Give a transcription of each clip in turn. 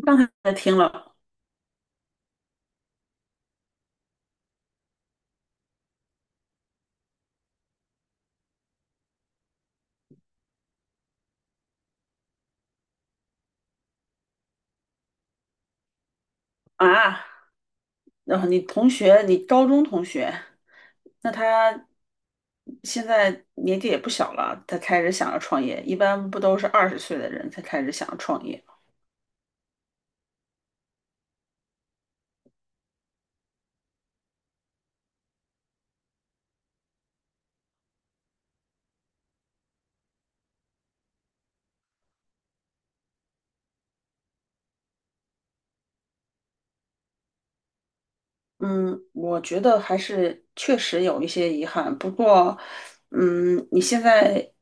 刚才听了啊，然后你同学，你高中同学，那他现在年纪也不小了，他开始想要创业，一般不都是20岁的人才开始想要创业？嗯，我觉得还是确实有一些遗憾，不过，你现在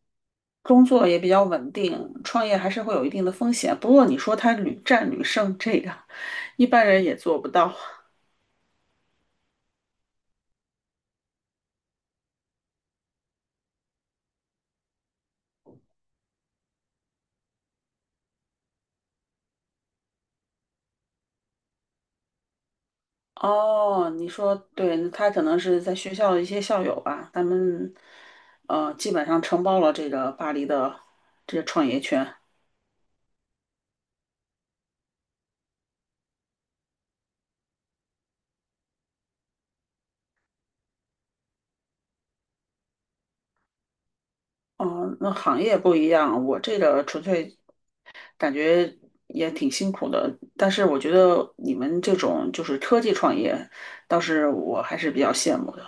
工作也比较稳定，创业还是会有一定的风险。不过你说他屡战屡胜，这个一般人也做不到。哦，你说对，他可能是在学校的一些校友吧，他们基本上承包了这个巴黎的这个创业圈。哦，那行业不一样，我这个纯粹感觉也挺辛苦的，但是我觉得你们这种就是科技创业，倒是我还是比较羡慕的。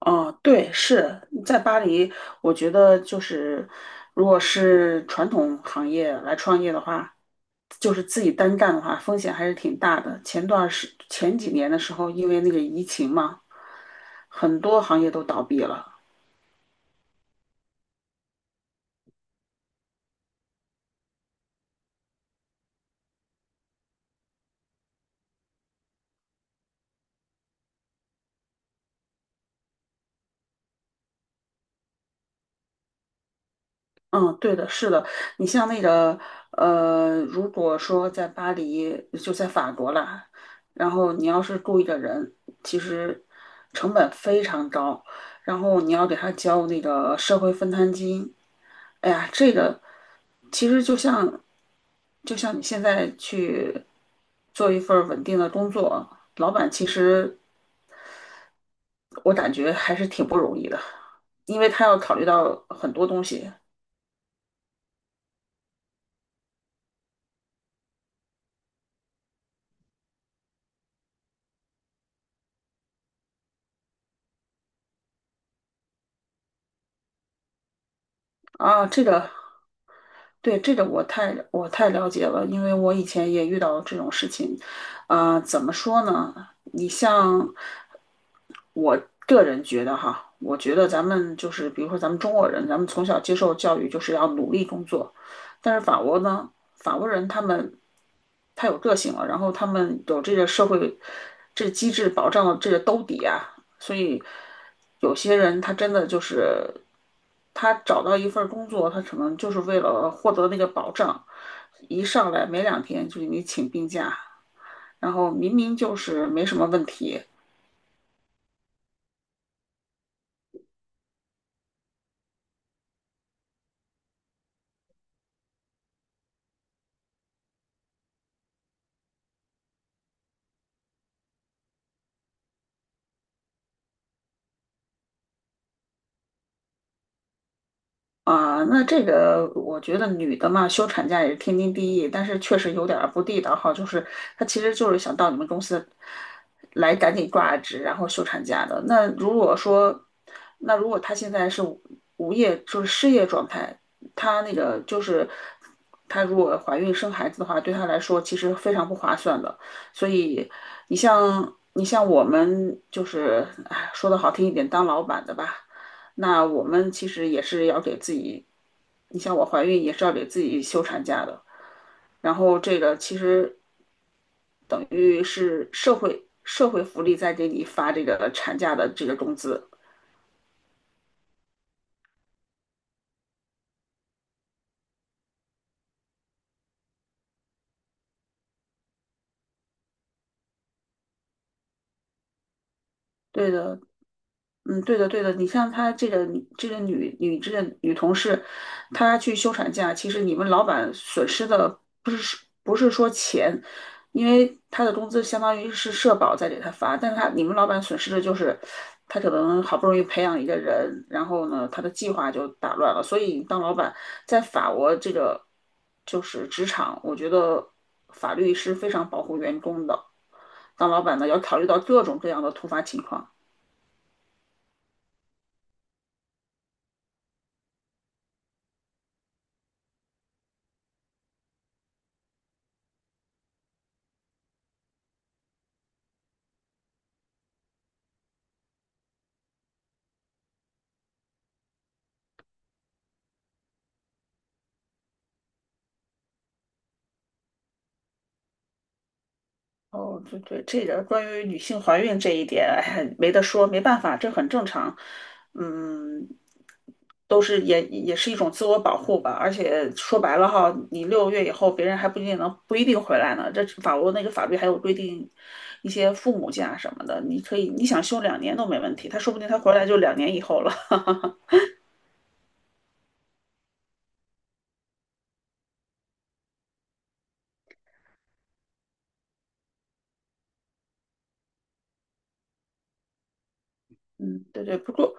哦，对，是在巴黎，我觉得就是，如果是传统行业来创业的话，就是自己单干的话，风险还是挺大的。前几年的时候，因为那个疫情嘛，很多行业都倒闭了。嗯，对的，是的。你像那个，呃，如果说在巴黎，就在法国了，然后你要是雇一个人，其实成本非常高，然后你要给他交那个社会分摊金，哎呀，这个其实就像你现在去做一份儿稳定的工作，老板其实我感觉还是挺不容易的，因为他要考虑到很多东西。啊，对，这个我太了解了，因为我以前也遇到这种事情。啊、怎么说呢？你像我个人觉得哈，我觉得咱们就是比如说咱们中国人，咱们从小接受教育就是要努力工作，但是法国呢，法国人他们太有个性了，然后他们有这个社会这个机制保障了这个兜底啊，所以有些人他真的就是他找到一份工作，他可能就是为了获得那个保障，一上来没2天就给你请病假，然后明明就是没什么问题。啊，那这个我觉得女的嘛，休产假也是天经地义，但是确实有点儿不地道哈，就是她其实就是想到你们公司来赶紧挂职，然后休产假的。那如果说，那如果她现在是无业，就是失业状态，她那个就是她如果怀孕生孩子的话，对她来说其实非常不划算的。所以你像我们就是，哎，说的好听一点，当老板的吧。那我们其实也是要给自己，你像我怀孕也是要给自己休产假的，然后这个其实等于是社会福利在给你发这个产假的这个工资。对的，嗯，对的，对的。你像她这个这个女女这个女同事，她去休产假，其实你们老板损失的不是说钱，因为她的工资相当于是社保在给她发，但是她你们老板损失的就是，她可能好不容易培养一个人，然后呢，她的计划就打乱了。所以当老板在法国这个就是职场，我觉得法律是非常保护员工的。当老板呢，要考虑到各种各样的突发情况。哦，对对，这个关于女性怀孕这一点，哎没得说，没办法，这很正常。嗯，都是也是一种自我保护吧。而且说白了哈，你6个月以后，别人还不一定能不一定回来呢。这法国那个法律还有规定一些父母假什么的，你可以你想休两年都没问题，他说不定他回来就两年以后了。嗯，对对，不过，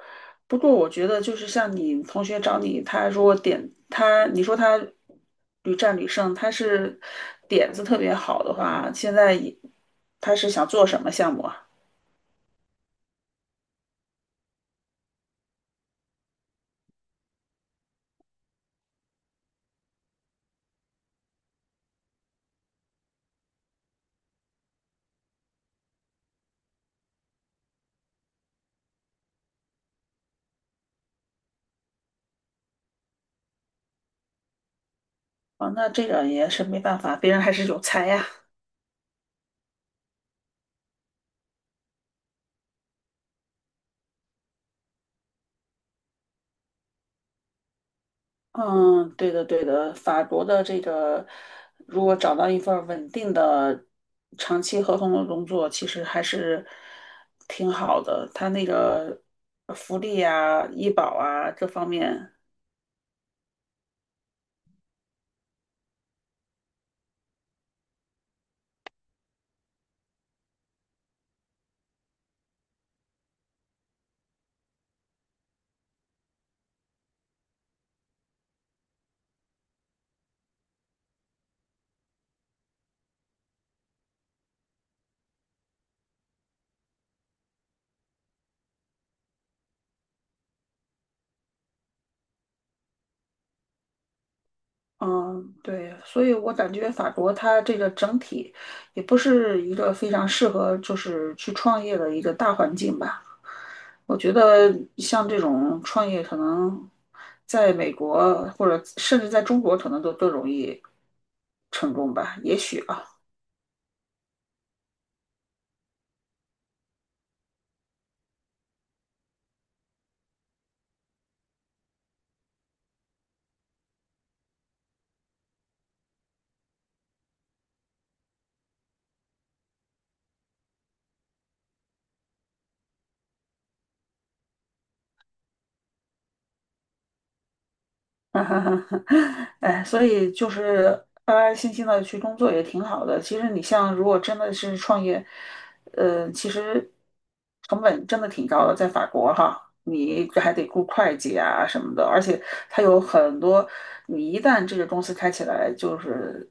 不过，我觉得就是像你同学找你，他如果点他，你说他屡战屡胜，他是点子特别好的话，现在也他是想做什么项目啊？啊，那这个也是没办法，别人还是有才呀。嗯，对的对的，法国的这个如果找到一份儿稳定的长期合同的工作，其实还是挺好的，他那个福利啊、医保啊这方面。嗯，对，所以我感觉法国它这个整体也不是一个非常适合就是去创业的一个大环境吧。我觉得像这种创业，可能在美国或者甚至在中国，可能都更容易成功吧，也许啊。哈哈哈，哎，所以就是安安心心的去工作也挺好的。其实你像如果真的是创业，呃，其实成本真的挺高的，在法国哈，你还得雇会计啊什么的，而且它有很多，你一旦这个公司开起来，就是。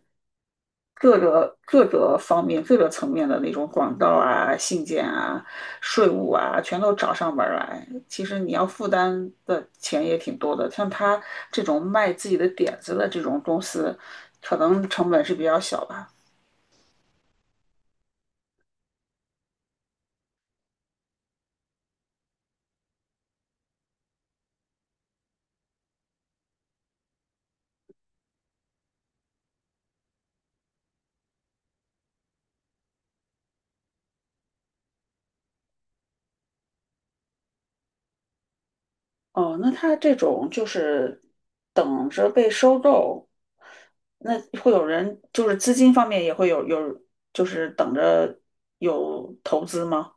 各个方面、各个层面的那种广告啊、信件啊、税务啊，全都找上门儿来。其实你要负担的钱也挺多的。像他这种卖自己的点子的这种公司，可能成本是比较小吧。哦，那他这种就是等着被收购，那会有人就是资金方面也会有，就是等着有投资吗？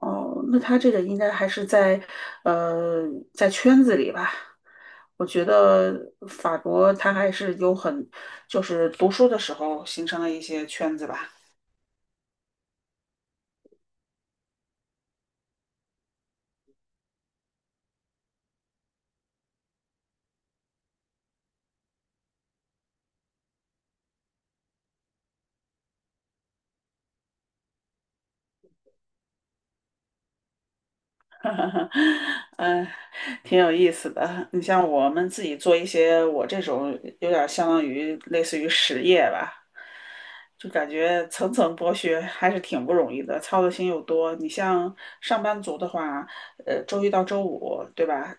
哦，那他这个应该还是在，呃，在圈子里吧。我觉得法国他还是有很，就是读书的时候形成了一些圈子吧。哈哈，嗯，挺有意思的。你像我们自己做一些，我这种有点相当于类似于实业吧，就感觉层层剥削还是挺不容易的，操的心又多。你像上班族的话，呃，周一到周五，对吧？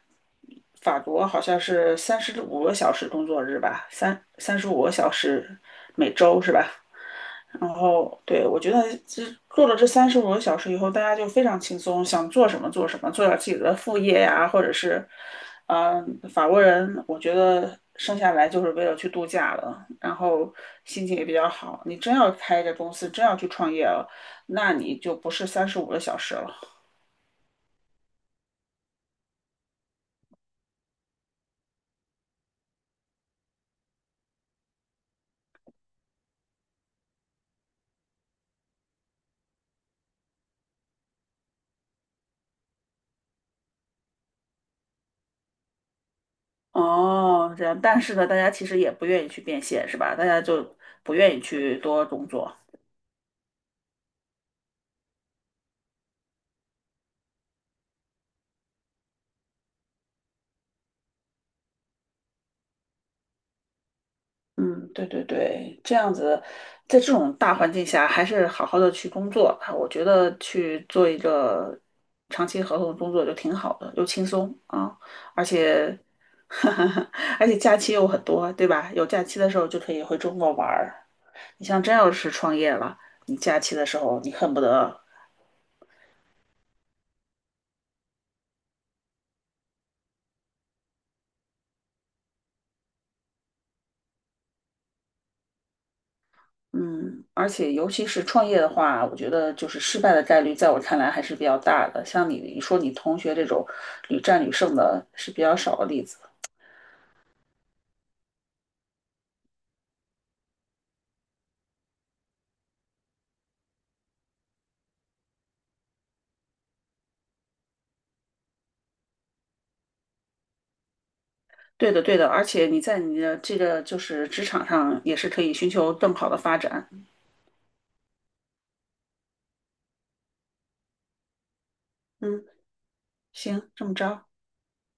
法国好像是三十五个小时工作日吧，三十五个小时每周是吧？然后，对，我觉得这做了这三十五个小时以后，大家就非常轻松，想做什么做什么，做点自己的副业呀，或者是，嗯、法国人，我觉得生下来就是为了去度假的，然后心情也比较好。你真要开这公司，真要去创业了，那你就不是三十五个小时了。哦，这样，但是呢，大家其实也不愿意去变现，是吧？大家就不愿意去多工作。嗯，对对对，这样子，在这种大环境下，还是好好的去工作吧。我觉得去做一个长期合同工作就挺好的，又轻松啊，而且，而且假期又很多，对吧？有假期的时候就可以回中国玩儿。你像真要是创业了，你假期的时候你恨不得，嗯，而且尤其是创业的话，我觉得就是失败的概率，在我看来还是比较大的。像你说你同学这种屡战屡胜的，是比较少的例子。对的，对的，而且你在你的这个就是职场上也是可以寻求更好的发展。嗯，行，这么着。